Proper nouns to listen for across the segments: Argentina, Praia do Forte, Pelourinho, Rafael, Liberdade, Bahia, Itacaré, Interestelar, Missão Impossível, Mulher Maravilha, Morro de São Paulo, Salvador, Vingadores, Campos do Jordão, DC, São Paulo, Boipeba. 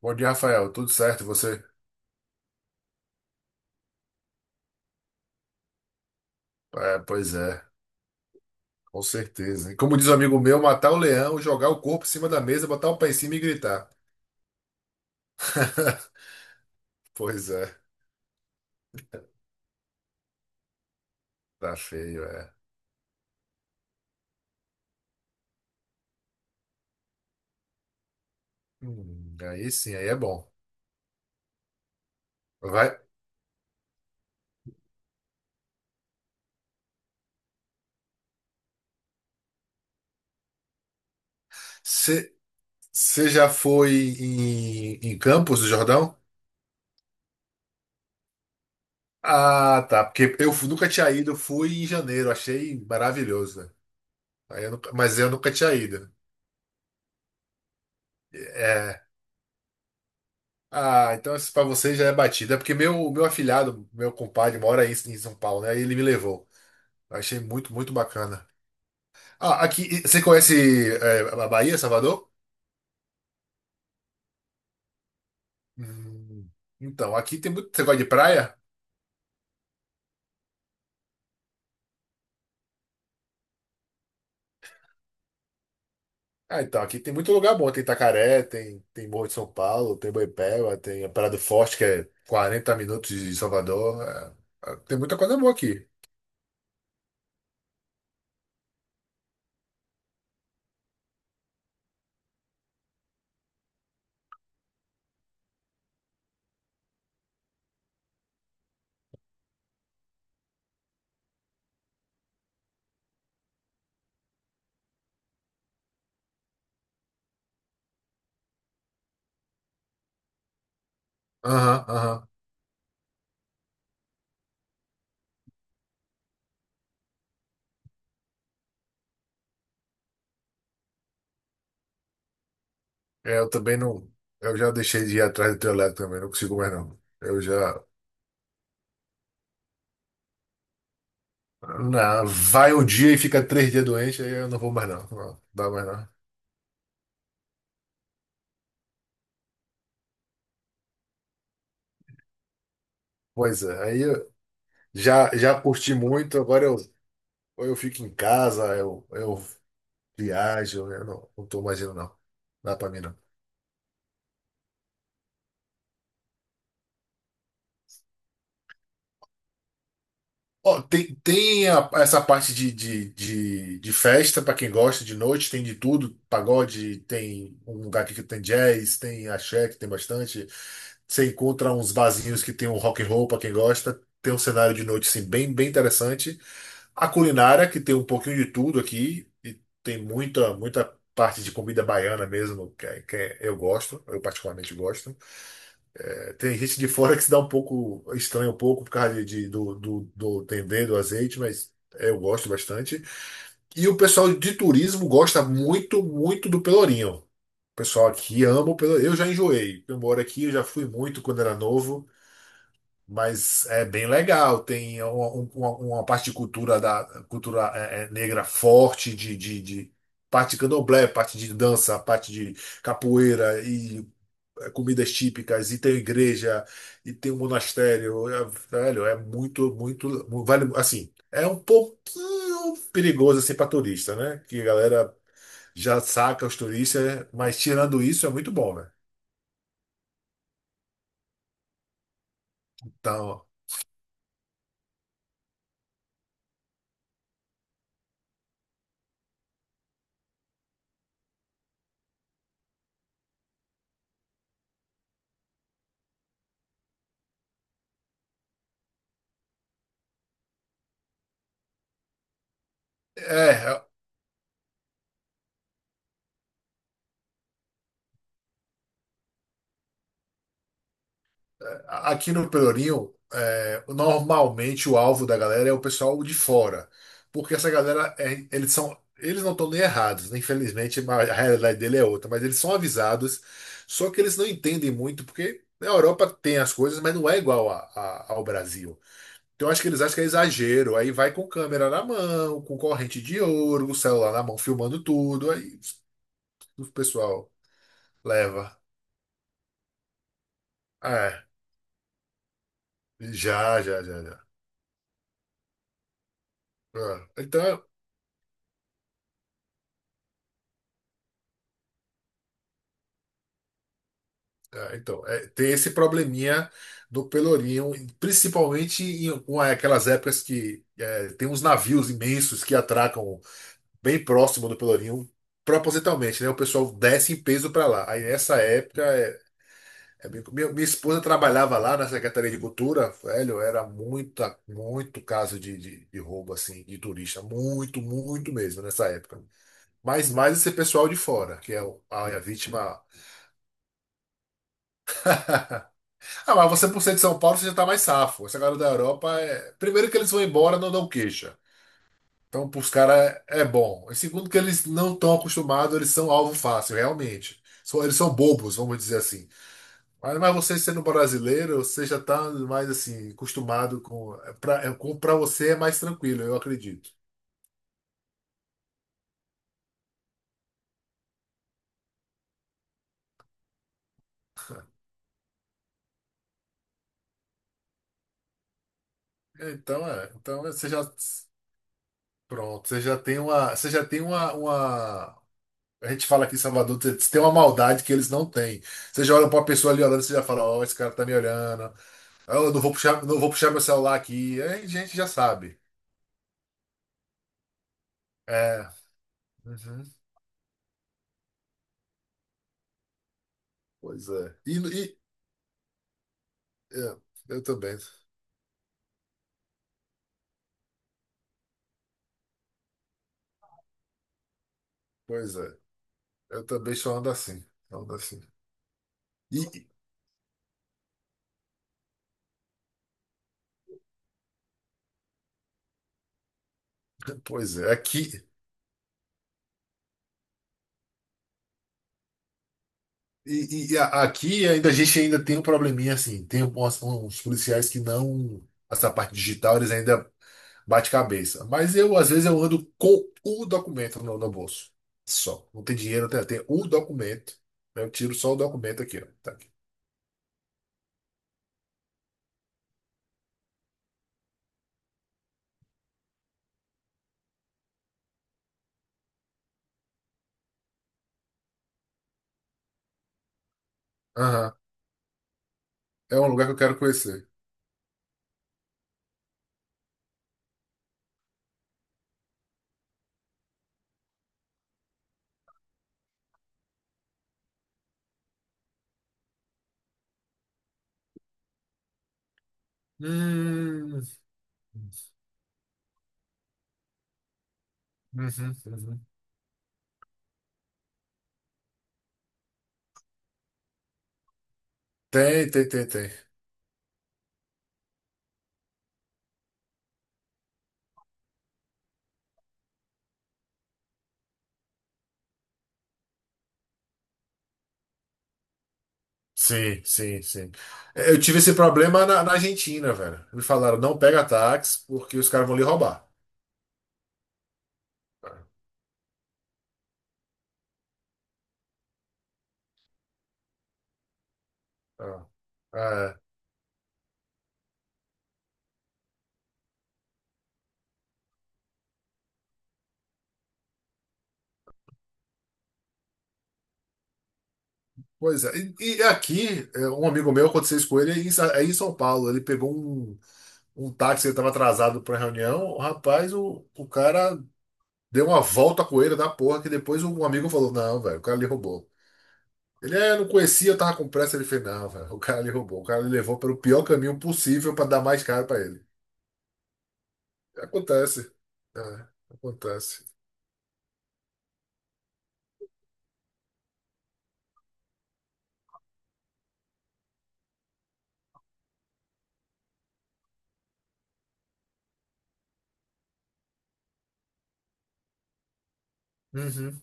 Bom dia, Rafael. Tudo certo, e você? É, pois é, com certeza. E como diz um amigo meu, matar o leão, jogar o corpo em cima da mesa, botar o pé em cima e gritar. Pois é, tá feio, é. Aí sim, aí é bom. Vai. Você já foi em Campos do Jordão? Ah, tá. Porque nunca tinha ido, eu fui em janeiro, achei maravilhoso, né? Aí eu nunca- mas eu nunca tinha ido. É, ah, então isso pra você já é batida. É porque meu afilhado, meu compadre, mora aí em São Paulo, né? Aí ele me levou. Achei muito, muito bacana. Ah, aqui. Você conhece a Bahia, Salvador? Hum, então, aqui tem muito. Você gosta de praia? Ah, então, aqui tem muito lugar bom. Tem Itacaré, tem, Morro de São Paulo, tem Boipeba, tem a Praia do Forte, que é 40 minutos de Salvador. É, tem muita coisa boa aqui. Aham, aham. É, eu também não. Eu já deixei de ir atrás do teu lado também, não consigo mais não. Eu já. Não, vai um dia e fica 3 dias doente, aí eu não vou mais não. Não, não dá mais não. Pois é, aí eu já curti muito, agora ou eu fico em casa, eu viajo, eu não tô mais indo não. Dá pra mim não. Ó, tem essa parte de festa para quem gosta de noite, tem de tudo, pagode, tem um lugar aqui que tem jazz, tem axé, que tem bastante. Você encontra uns barzinhos que tem um rock and roll para quem gosta, tem um cenário de noite assim, bem, bem interessante. A culinária, que tem um pouquinho de tudo aqui, e tem muita, muita parte de comida baiana mesmo, eu gosto, eu particularmente gosto. Tem gente de fora que se dá um pouco, estranha um pouco por causa do, do dendê, do azeite, mas é, eu gosto bastante. E o pessoal de turismo gosta muito, muito do Pelourinho. O pessoal aqui ama o Pelourinho. Eu já enjoei. Eu moro aqui, eu já fui muito quando era novo, mas é bem legal. Tem uma parte de cultura, cultura é negra forte, de parte de candomblé, parte de dança, parte de capoeira e comidas típicas, e tem igreja, e tem um monastério. É, velho, é muito, muito, vale, assim, é um pouquinho perigoso assim para turista, né? Que a galera já saca os turistas, mas tirando isso é muito bom, né? Então, é, é aqui no Pelourinho, normalmente o alvo da galera é o pessoal de fora, porque essa galera, eles não estão nem errados, né? Infelizmente, mas a realidade dele é outra, mas eles são avisados, só que eles não entendem muito, porque na Europa tem as coisas, mas não é igual ao Brasil. Então acho que eles acham que é exagero, aí vai com câmera na mão, com corrente de ouro, o celular na mão, filmando tudo, aí o pessoal leva. É, já, já, já, já. Ah, Então Então, tem esse probleminha do Pelourinho, principalmente aquelas épocas que é, tem uns navios imensos que atracam bem próximo do Pelourinho, propositalmente, né? O pessoal desce em peso para lá. Aí nessa época, minha esposa trabalhava lá na Secretaria de Cultura, velho, era muito caso de roubo, assim, de turista, muito, muito mesmo nessa época. Mas mais esse pessoal de fora, que é a vítima. Ah, mas você, por ser de São Paulo, você já tá mais safo. Essa galera da Europa é. Primeiro que eles vão embora, não dão queixa. Então, pros caras é bom. E segundo que eles não estão acostumados, eles são alvo fácil, realmente. Eles são bobos, vamos dizer assim. Mas você sendo brasileiro, você já tá mais assim, acostumado com. Pra você é mais tranquilo, eu acredito. Então é. Então é, você já. Pronto, você já tem uma. Você já tem uma, a gente fala aqui em Salvador, tem uma maldade que eles não têm. Você já olha pra uma pessoa ali olhando, você já fala, ó, esse cara tá me olhando. Ah, eu não vou puxar, meu celular aqui. Aí a gente já sabe. É. Uhum. Pois é. É, eu também. Pois é. Eu também só ando assim. Ando assim. E, pois é, aqui. E, aqui ainda a gente ainda tem um probleminha assim. Tem uns policiais que não. Essa parte digital, eles ainda bate-cabeça. Mas eu, às vezes, eu ando com o documento no bolso. Só. Não tem dinheiro, tem o documento. Né? Eu tiro só o documento aqui, ó. Tá aqui. Aham. É um lugar que eu quero conhecer. Hum. Uhum, uhum. Tem, tem, tem, tem. Sim, sim, sim. É, eu tive esse problema na Argentina, velho. Me falaram, não pega táxi porque os caras vão lhe roubar. Ah, ah, ah, pois é. E, aqui, um amigo meu, aconteceu isso com ele, aí em São Paulo, ele pegou um táxi, ele estava atrasado para a reunião. O cara deu uma volta com ele da porra, que depois um amigo falou: não, velho, o cara lhe roubou. Eu não conhecia, eu tava com pressa. Ele fez: não, velho, o cara lhe roubou. O cara lhe levou pelo pior caminho possível para dar mais caro para ele. Acontece. É, acontece. Uhum.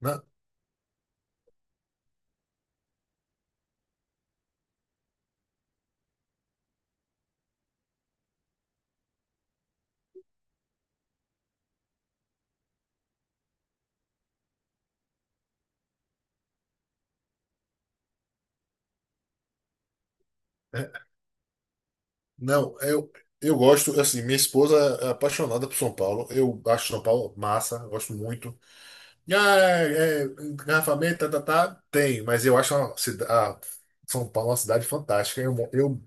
Na- é, Não, eu gosto, assim, minha esposa é apaixonada por São Paulo. Eu acho São Paulo massa, gosto muito. Ah, engarrafamento, tá, tá, tá, tem, mas eu acho a São Paulo é uma cidade fantástica. Eu, mo- eu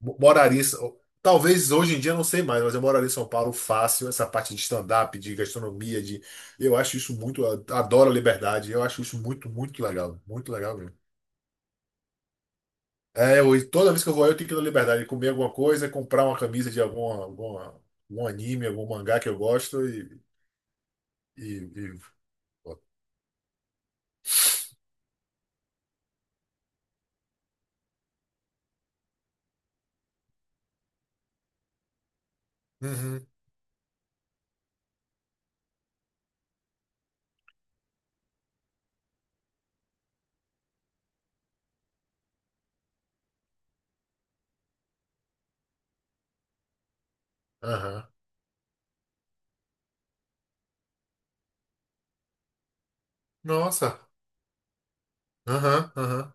mo- moraria, talvez hoje em dia eu não sei mais, mas eu moraria em São Paulo fácil. Essa parte de stand-up, de gastronomia, eu acho isso muito, adoro a liberdade. Eu acho isso muito, muito legal mesmo. É, e toda vez que eu vou, eu tenho que ir na liberdade, comer alguma coisa, comprar uma camisa de algum anime, algum mangá que eu gosto e, e... Uhum, aham. Nossa. Aham, aham.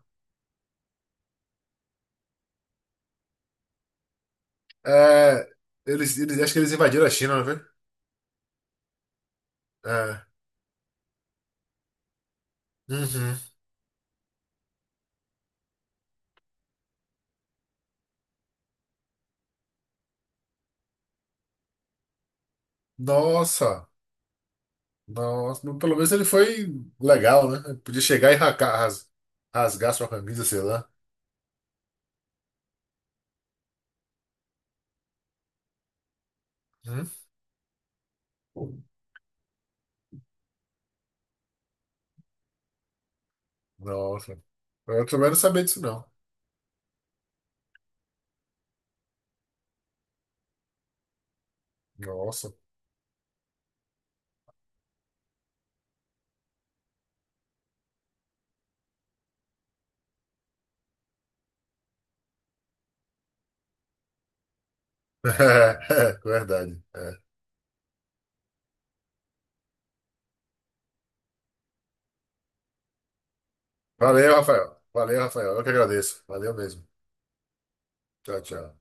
É, acho que eles invadiram a China, não foi? É. Uhum. Nossa, nossa. Mas pelo menos ele foi legal, né? Podia chegar e racar, rasgar sua camisa, sei lá. Hum? Nossa. Eu também não sabia disso, não. Nossa. É, verdade. É. Valeu, Rafael. Valeu, Rafael. Eu que agradeço. Valeu mesmo. Tchau, tchau.